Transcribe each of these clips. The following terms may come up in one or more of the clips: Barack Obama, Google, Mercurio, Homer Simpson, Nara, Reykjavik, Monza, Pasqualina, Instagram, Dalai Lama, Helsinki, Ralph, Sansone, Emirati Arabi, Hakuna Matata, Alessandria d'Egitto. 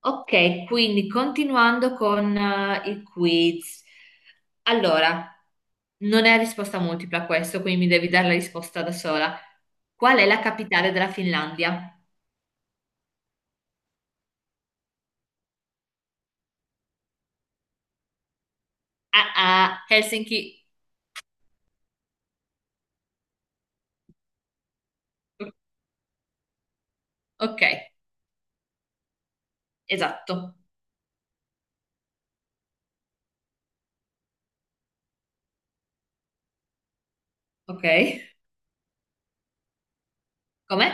Ok, quindi continuando con i quiz. Allora, non è a risposta multipla questo, quindi mi devi dare la risposta da sola. Qual è la capitale della Finlandia? Ah, ah, Helsinki. Ok, esatto. Ok. Com'è?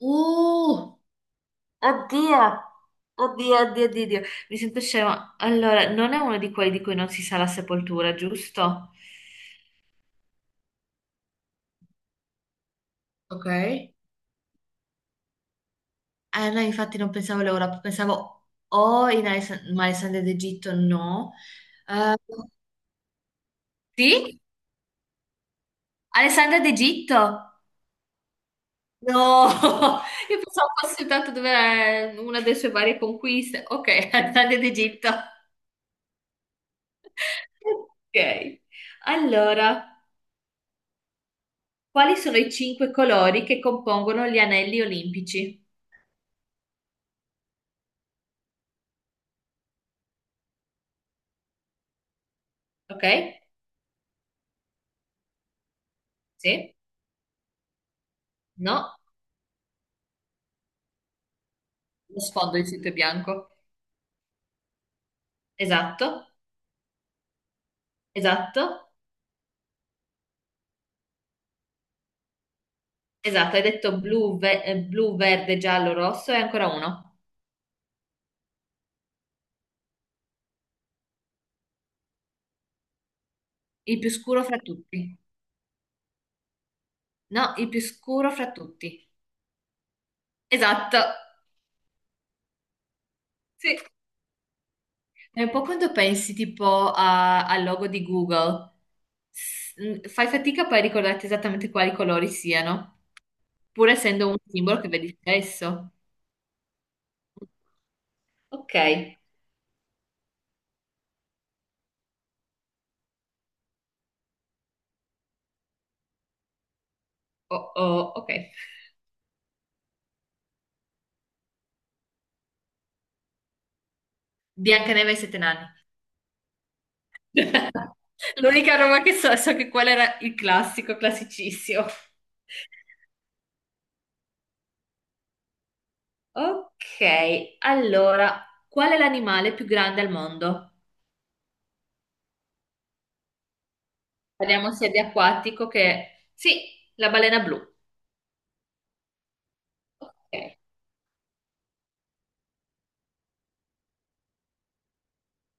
Uh, Oddio. Oddio, oddio, oddio, oddio. Mi sento scema. Allora, non è uno di quelli di cui non si sa la sepoltura, giusto? Ok. No, infatti non pensavo all'Europa, pensavo o in ma Alessandria d'Egitto no. Eh, sì? Alessandria d'Egitto? No! Io pensavo fosse soltanto dove era una delle sue varie conquiste. Ok, Alessandria d'Egitto. Ok. Allora, quali sono i cinque colori che compongono gli anelli olimpici? Ok? Sì? No? Lo sfondo di sito è bianco. Esatto? Esatto? Esatto, hai detto blu, blu, verde, giallo, rosso e ancora uno. Il più scuro fra tutti. No, il più scuro fra tutti. Esatto. Sì. È un po' quando pensi tipo al logo di Google. Fai fatica poi a ricordarti esattamente quali colori siano, pur essendo un simbolo che vedi spesso. Ok. Oh, oh, ok. Biancaneve e i sette nani. L'unica roba che so, so che quello era il classico, classicissimo. Ok, allora, qual è l'animale più grande al mondo? Parliamo sia di acquatico che... Sì, la balena blu. Ok,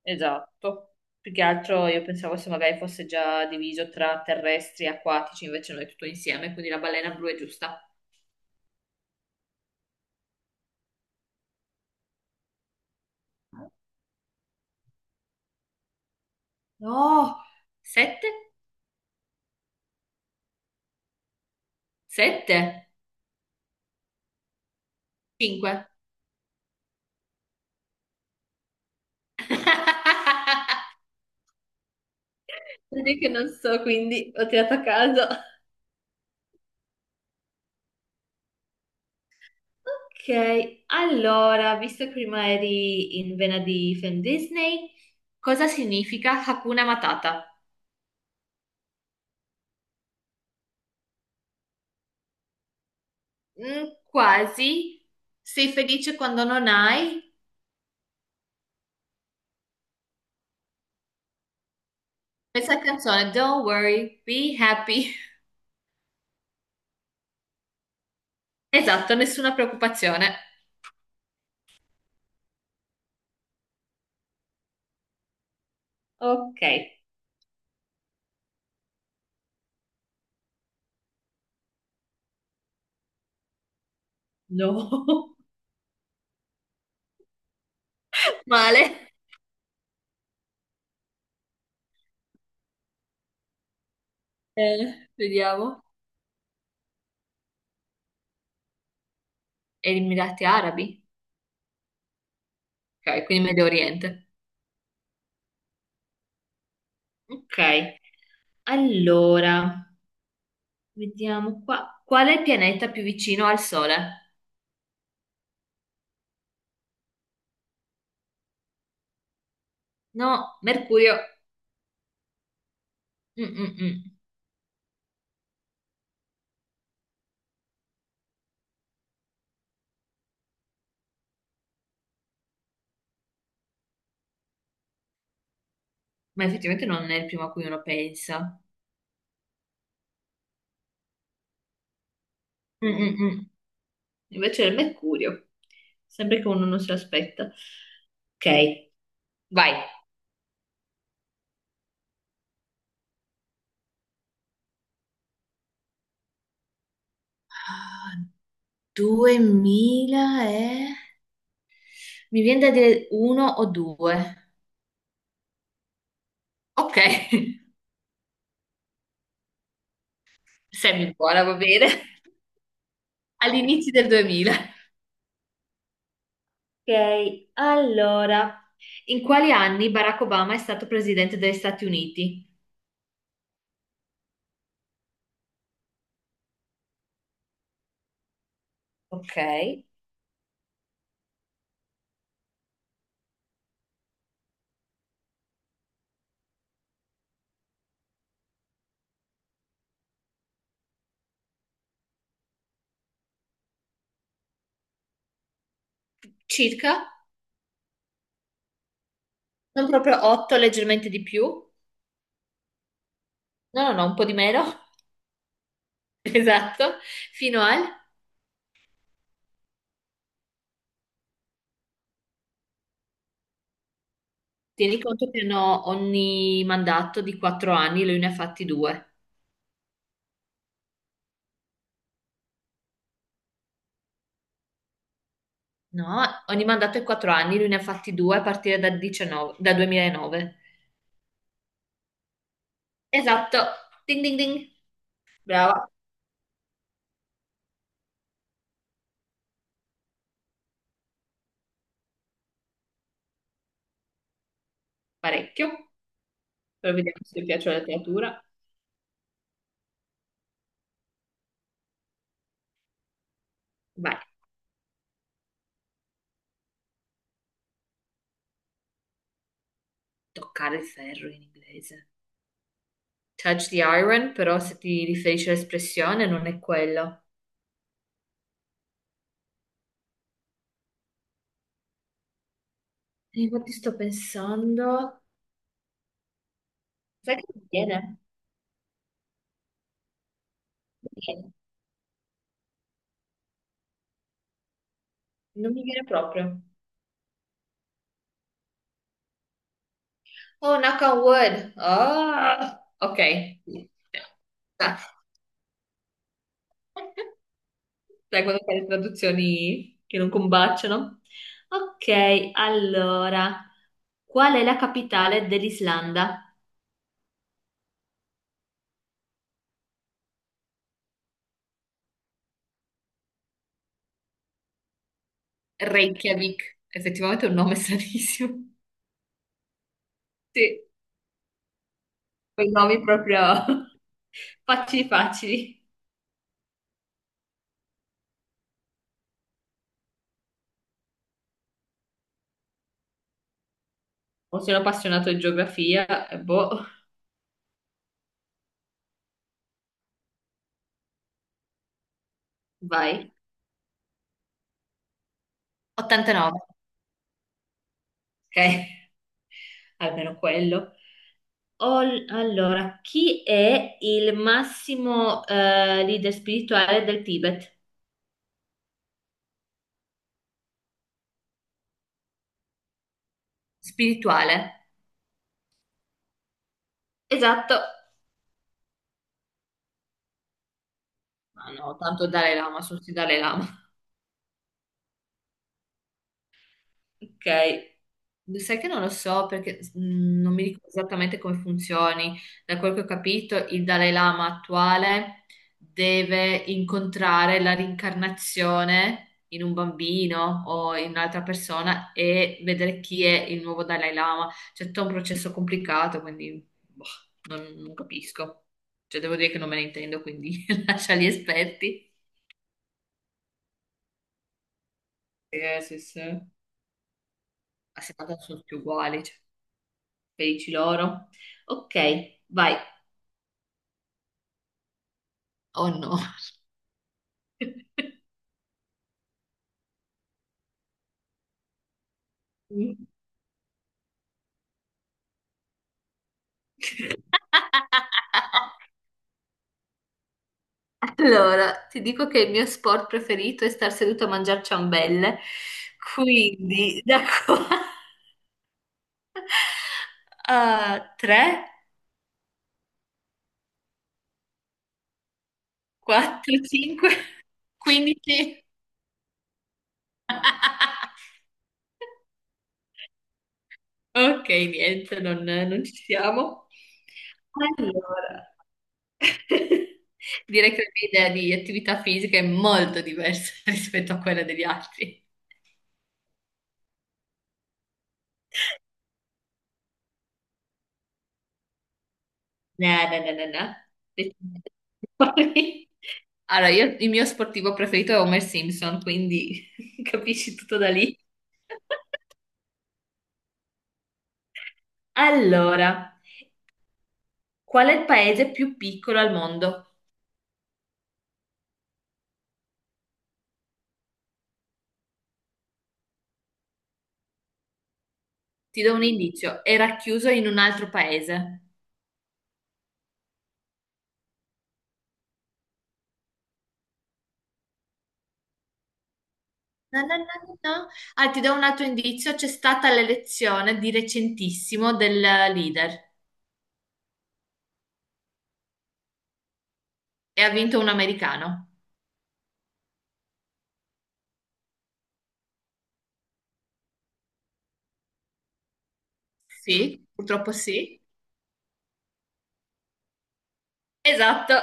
esatto. Più che altro io pensavo se magari fosse già diviso tra terrestri e acquatici, invece no, è tutto insieme, quindi la balena blu è giusta. No, sette? Sette? Cinque. Vedi che non so, quindi ho tirato a caso. Ok, allora, visto che prima eri in vena di film Disney, cosa significa Hakuna Matata? Mm, quasi. Sei felice quando non hai? Pensa alla canzone Don't worry, be happy. Esatto, nessuna preoccupazione. Ok, no. Male. Vediamo. Emirati Arabi. Ok, quindi Medio Oriente. Ok, allora, vediamo qua. Qual è il pianeta più vicino al Sole? No, Mercurio. Mm, mm, mm. Ma effettivamente non è il primo a cui uno pensa. Mm, mm, mm. Invece è il Mercurio, sempre che uno non se l'aspetta. Ok, vai. Ah, 2000 e... Mi viene da dire uno o due. Ok, semi buona, va bene. All'inizio del 2000. Ok, allora. In quali anni Barack Obama è stato presidente degli Stati Uniti? Ok, circa. Non proprio 8, leggermente di più. No, no, no, un po' di meno. Esatto. Fino al... Tieni conto che hanno ogni mandato di 4 anni, lui ne ha fatti due. No, ogni mandato è 4 anni, lui ne ha fatti due a partire da 2009. Esatto. Ding ding ding. Brava, parecchio. Però vediamo se ti piace la letteratura. Vai. Toccare il ferro in inglese. Touch the iron, però se ti riferisci all'espressione non è quello. E infatti sto pensando. Sai che non mi viene? Non mi viene. Non mi viene proprio. Oh, knock on wood. Oh, ok. Grazie. Sai quando fai le traduzioni che non combaciano? Ok, allora. Qual è la capitale dell'Islanda? Reykjavik. Effettivamente è un nome stranissimo. Sì, quei nomi proprio facili facili. O sono appassionato di geografia, boh, vai. 89. Ok, almeno quello. Allora, chi è il massimo leader spirituale del Tibet? Spirituale. Esatto. Ma no, tanto Dalai Lama, sono sì Dalai Lama. Ok. Sai che non lo so perché non mi ricordo esattamente come funzioni. Da quel che ho capito, il Dalai Lama attuale deve incontrare la rincarnazione in un bambino o in un'altra persona e vedere chi è il nuovo Dalai Lama. C'è tutto un processo complicato, quindi boh, non capisco. Cioè, devo dire che non me ne intendo, quindi lascia gli esperti. Sì, sì. A 70 sono tutti uguali, cioè, felici loro. Ok, vai. Oh no. Allora, ti dico che il mio sport preferito è star seduto a mangiare ciambelle, quindi da qua a 3, 4, 5, 15. Ok, niente, non ci siamo. Allora, direi che la mia idea di attività fisica è molto diversa rispetto a quella degli altri. No, no, no, no, no. Decisamente fuori. Allora, io il mio sportivo preferito è Homer Simpson, quindi capisci tutto da lì. Allora, qual è il paese più piccolo al mondo? Ti do un indizio, era chiuso in un altro paese. No, no, no, no, no. Ah, ti do un altro indizio, c'è stata l'elezione di recentissimo del leader e ha vinto un americano. Sì, purtroppo sì. Esatto.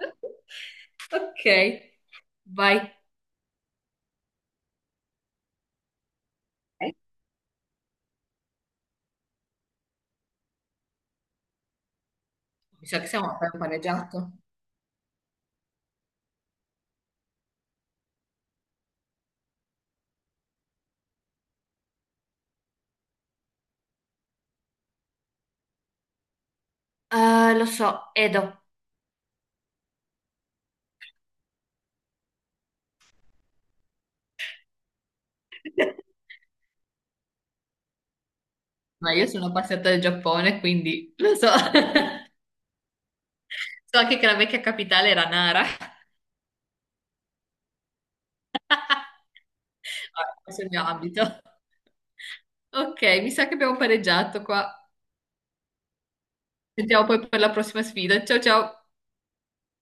Ok, vai. Mi sa che siamo per un paneggiato. Lo so, Edo. Ma io sono passata del Giappone, quindi lo so. So anche che la vecchia capitale era Nara. Ah, questo è il mio ambito. Ok, mi sa che abbiamo pareggiato qua. Sentiamo poi per la prossima sfida. Ciao ciao.